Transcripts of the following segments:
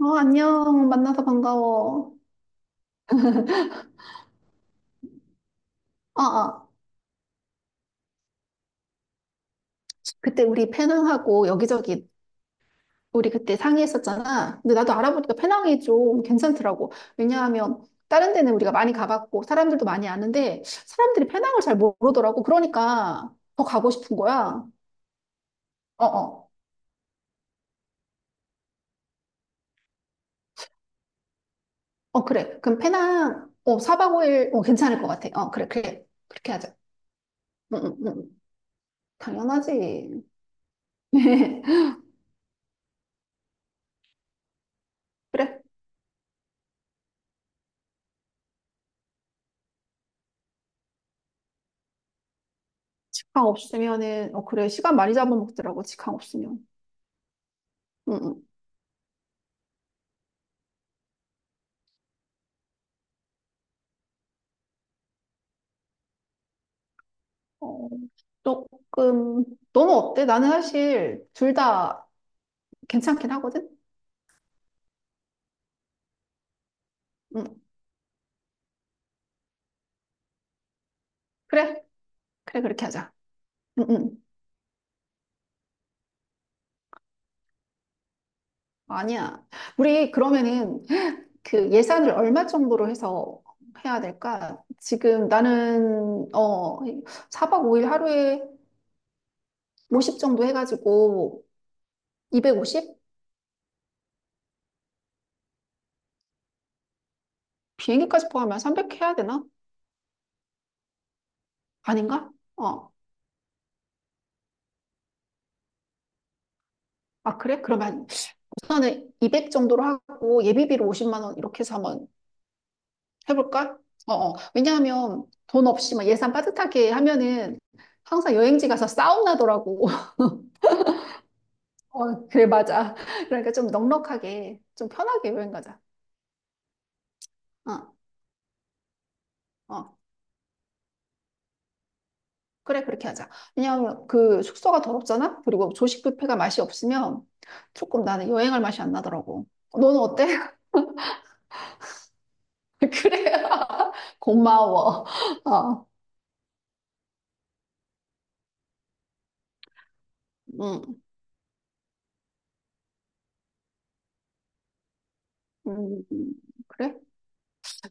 어, 안녕. 만나서 반가워. 아, 아. 그때 우리 페낭하고 여기저기 우리 그때 상의했었잖아. 근데 나도 알아보니까 페낭이 좀 괜찮더라고. 왜냐하면 다른 데는 우리가 많이 가봤고 사람들도 많이 아는데 사람들이 페낭을 잘 모르더라고. 그러니까 더 가고 싶은 거야. 어, 어. 어, 그래. 그럼 페낭 4박 5일 괜찮을 것 같아. 어, 그래, 그래. 그렇게 하자. 응, 응, 응. 당연하지. 그래. 강 없으면은 그래. 시간 많이 잡아먹더라고. 직항 없으면. 응응. 어, 조금 너는 어때? 나는 사실 둘 다 괜찮긴 하거든. 응. 그래, 그래 그렇게 하자. 응, 응. 아니야. 우리 그러면은 그 예산을 얼마 정도로 해서 해야 될까? 지금 나는 4박 5일 하루에 50 정도 해가지고 250 비행기까지 포함하면 300 해야 되나? 아닌가? 어. 아, 그래? 그러면 우선은 200 정도로 하고 예비비로 50만 원 이렇게 해서 한번 해볼까? 어, 어. 왜냐하면 돈 없이 막 예산 빠듯하게 하면은 항상 여행지 가서 싸움 나더라고. 어, 그래, 맞아. 그러니까 좀 넉넉하게, 좀 편하게 여행 가자. 어, 어. 그래, 그렇게 하자. 왜냐하면 그 숙소가 더럽잖아? 그리고 조식 뷔페가 맛이 없으면 조금 나는 여행할 맛이 안 나더라고. 너는 어때? 그래. 고마워. 어, 응. 음, 음, 음. 그래?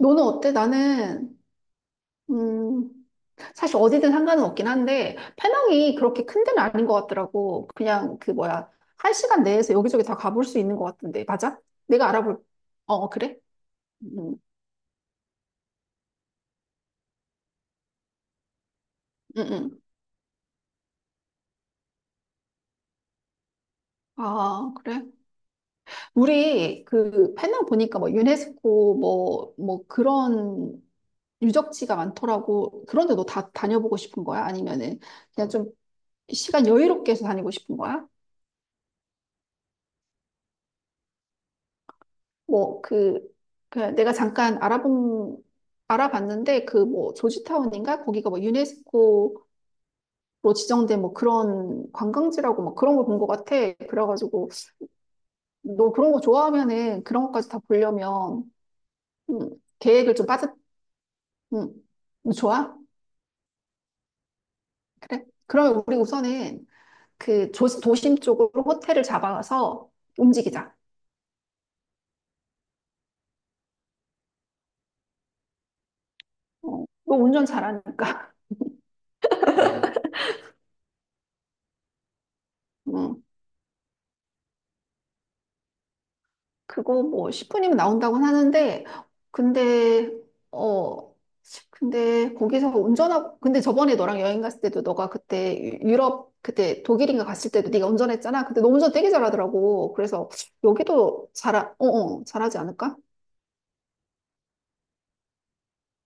너는 어때? 나는 음, 사실 어디든 상관은 없긴 한데, 페낭이 그렇게 큰 데는 아닌 것 같더라고. 그냥 그 뭐야, 한 시간 내에서 여기저기 다 가볼 수 있는 것 같은데, 맞아? 내가 알아볼, 어, 어, 그래? 음, 음, 음. 아, 그래? 우리 그 페낭 보니까 뭐 유네스코 뭐 그런 유적지가 많더라고. 그런데 너 다 다녀보고 싶은 거야? 아니면은 그냥 좀 시간 여유롭게 해서 다니고 싶은 거야? 뭐, 그 내가 잠깐 알아봤는데, 그 뭐, 조지타운인가? 거기가 뭐, 유네스코로 지정된 뭐 그런 관광지라고 뭐 그런 걸 본 것 같아. 그래가지고, 너 그런 거 좋아하면은 그런 것까지 다 보려면, 음, 계획을 좀 빠듯, 음, 좋아? 그래? 그러면 우리 우선은 그 도심 쪽으로 호텔을 잡아서 움직이자. 어, 너 운전 잘하니까. 그거 뭐 10분이면 나온다고 하는데, 근데, 어, 근데 거기서 운전하고, 근데 저번에 너랑 여행 갔을 때도 너가 그때 유럽, 그때 독일인가 갔을 때도 네가 운전했잖아. 근데 너 운전 되게 잘하더라고. 그래서 여기도 잘하지 않을까?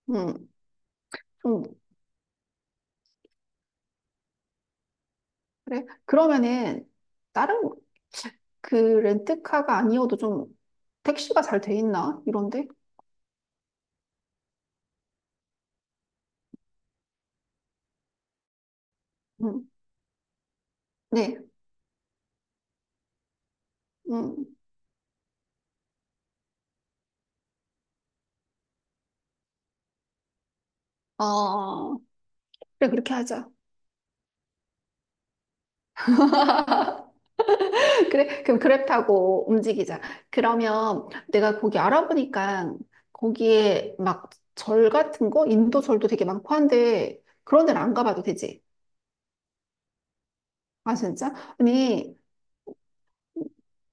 응, 좀, 그래. 그러면은 다른 그 렌트카가 아니어도 좀 택시가 잘 돼 있나? 이런데? 응, 네, 응, 어, 그래, 그렇게 하자. 그래, 그럼 그랩 타고 움직이자. 그러면 내가 거기 알아보니까 거기에 막 절 같은 거, 인도 절도 되게 많고 한데 그런 데는 안 가봐도 되지. 아, 진짜? 아니,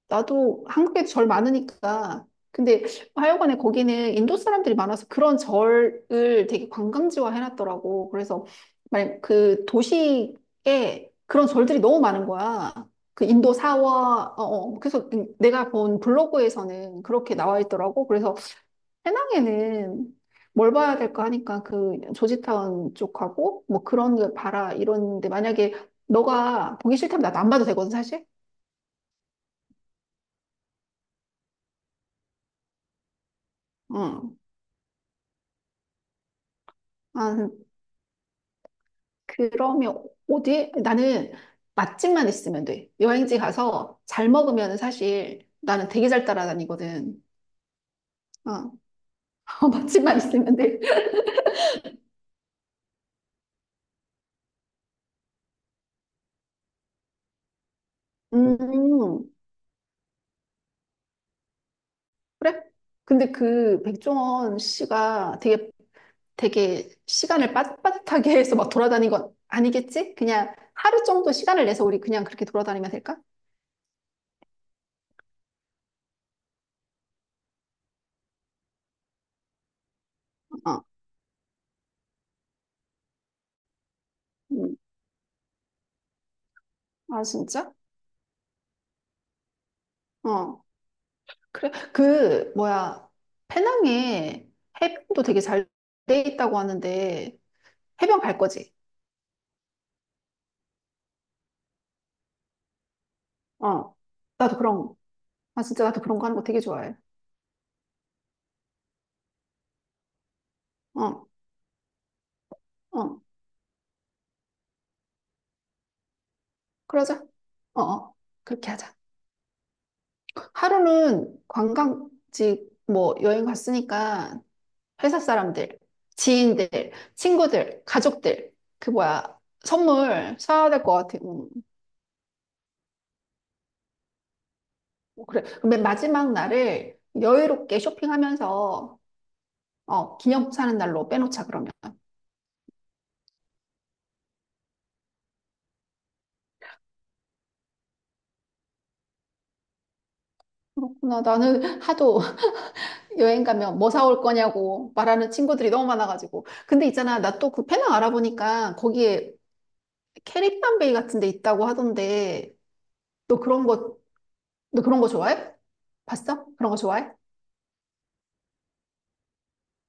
나도 한국에도 절 많으니까. 근데 하여간에 거기는 인도 사람들이 많아서 그런 절을 되게 관광지화 해놨더라고. 그래서 만약 그 도시에 그런 절들이 너무 많은 거야. 그 인도 사와, 어, 어. 그래서 내가 본 블로그에서는 그렇게 나와 있더라고. 그래서 해낭에는 뭘 봐야 될까 하니까 그 조지타운 쪽하고 뭐 그런 거 봐라 이러는데 만약에 너가 보기 싫다면 나도 안 봐도 되거든, 사실. 응. 아, 그러면 어디? 나는 맛집만 있으면 돼. 여행지 가서 잘 먹으면 사실 나는 되게 잘 따라다니거든. 어, 맛집만 있으면 돼. 음, 그래? 근데 그 백종원 씨가 되게 되게 시간을 빠듯빠듯하게 해서 막 돌아다닌 건 아니겠지? 그냥 하루 정도 시간을 내서 우리 그냥 그렇게 돌아다니면 될까? 어, 음, 아 진짜? 어. 그래, 그, 뭐야, 페낭에 해변도 되게 잘 돼 있다고 하는데, 해변 갈 거지? 어. 나도 그런, 거. 아, 진짜 나도 그런 거 하는 거 되게 좋아해. 어, 어. 그러자. 어, 어. 그렇게 하자. 하루는 관광지 뭐 여행 갔으니까 회사 사람들, 지인들, 친구들, 가족들, 그 뭐야, 선물 사야 될 것 같아. 뭐 그래. 그럼 맨 마지막 날을 여유롭게 쇼핑하면서 기념 사는 날로 빼놓자, 그러면. 그렇구나. 나는 하도 여행 가면 뭐 사올 거냐고 말하는 친구들이 너무 많아가지고. 근데 있잖아, 나 또 그 페낭 알아보니까 거기에 캐릭터 베이 같은 데 있다고 하던데, 너 그런 거, 너 그런 거 좋아해? 봤어? 그런 거 좋아해?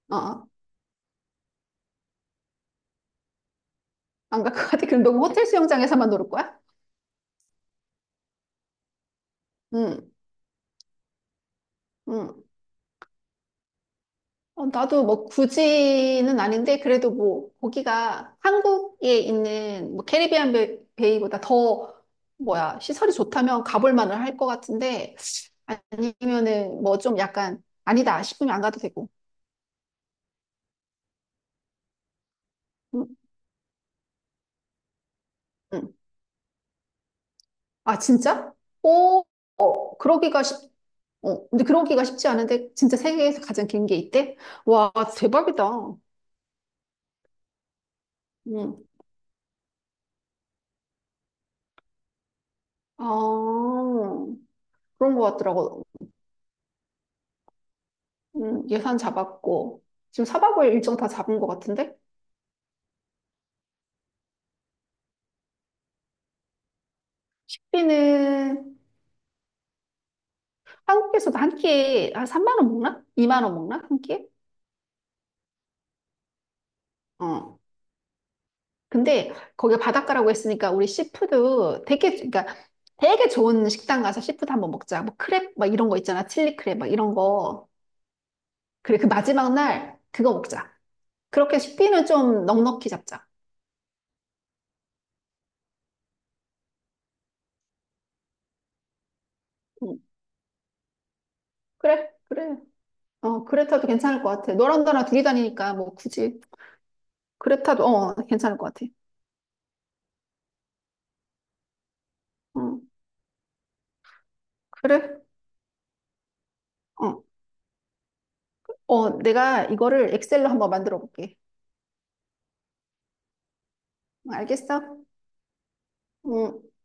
어, 어. 안 갈 것 같아. 그럼 너 호텔 수영장에서만 놀을 거야? 응, 응. 어, 나도 뭐 굳이는 아닌데 그래도 뭐 거기가 한국에 있는 뭐 캐리비안 베이보다 더 뭐야 시설이 좋다면 가볼 만을 할 것 같은데 아니면은 뭐 좀 약간 아니다 싶으면 안 가도 되고. 음, 음. 아 진짜? 오, 어, 그러기가 쉽. 어, 근데 그러기가 쉽지 않은데 진짜 세계에서 가장 긴 게 있대? 와 대박이다. 음. 아 그런 것 같더라고. 예산 잡았고, 지금 사박고일 일정 다 잡은 것 같은데? 우리는 한국에서도 한 끼에 한 3만 원 먹나? 2만 원 먹나? 한 끼에? 어. 근데 거기 바닷가라고 했으니까 우리 씨푸드 되게, 그러니까 되게 좋은 식당 가서 씨푸드 한번 먹자. 뭐 크랩 막 이런 거 있잖아. 칠리 크랩 막 이런 거. 그래, 그 마지막 날 그거 먹자. 그렇게 식비는 좀 넉넉히 잡자. 음, 그래, 그래. 어, 그래 타도 괜찮을 것 같아. 너랑 나랑 둘이 다니니까 뭐 굳이 그래 타도 괜찮을 것 같아. 응. 그래? 어, 어, 내가 이거를 엑셀로 한번 만들어 볼게. 응, 알겠어? 응,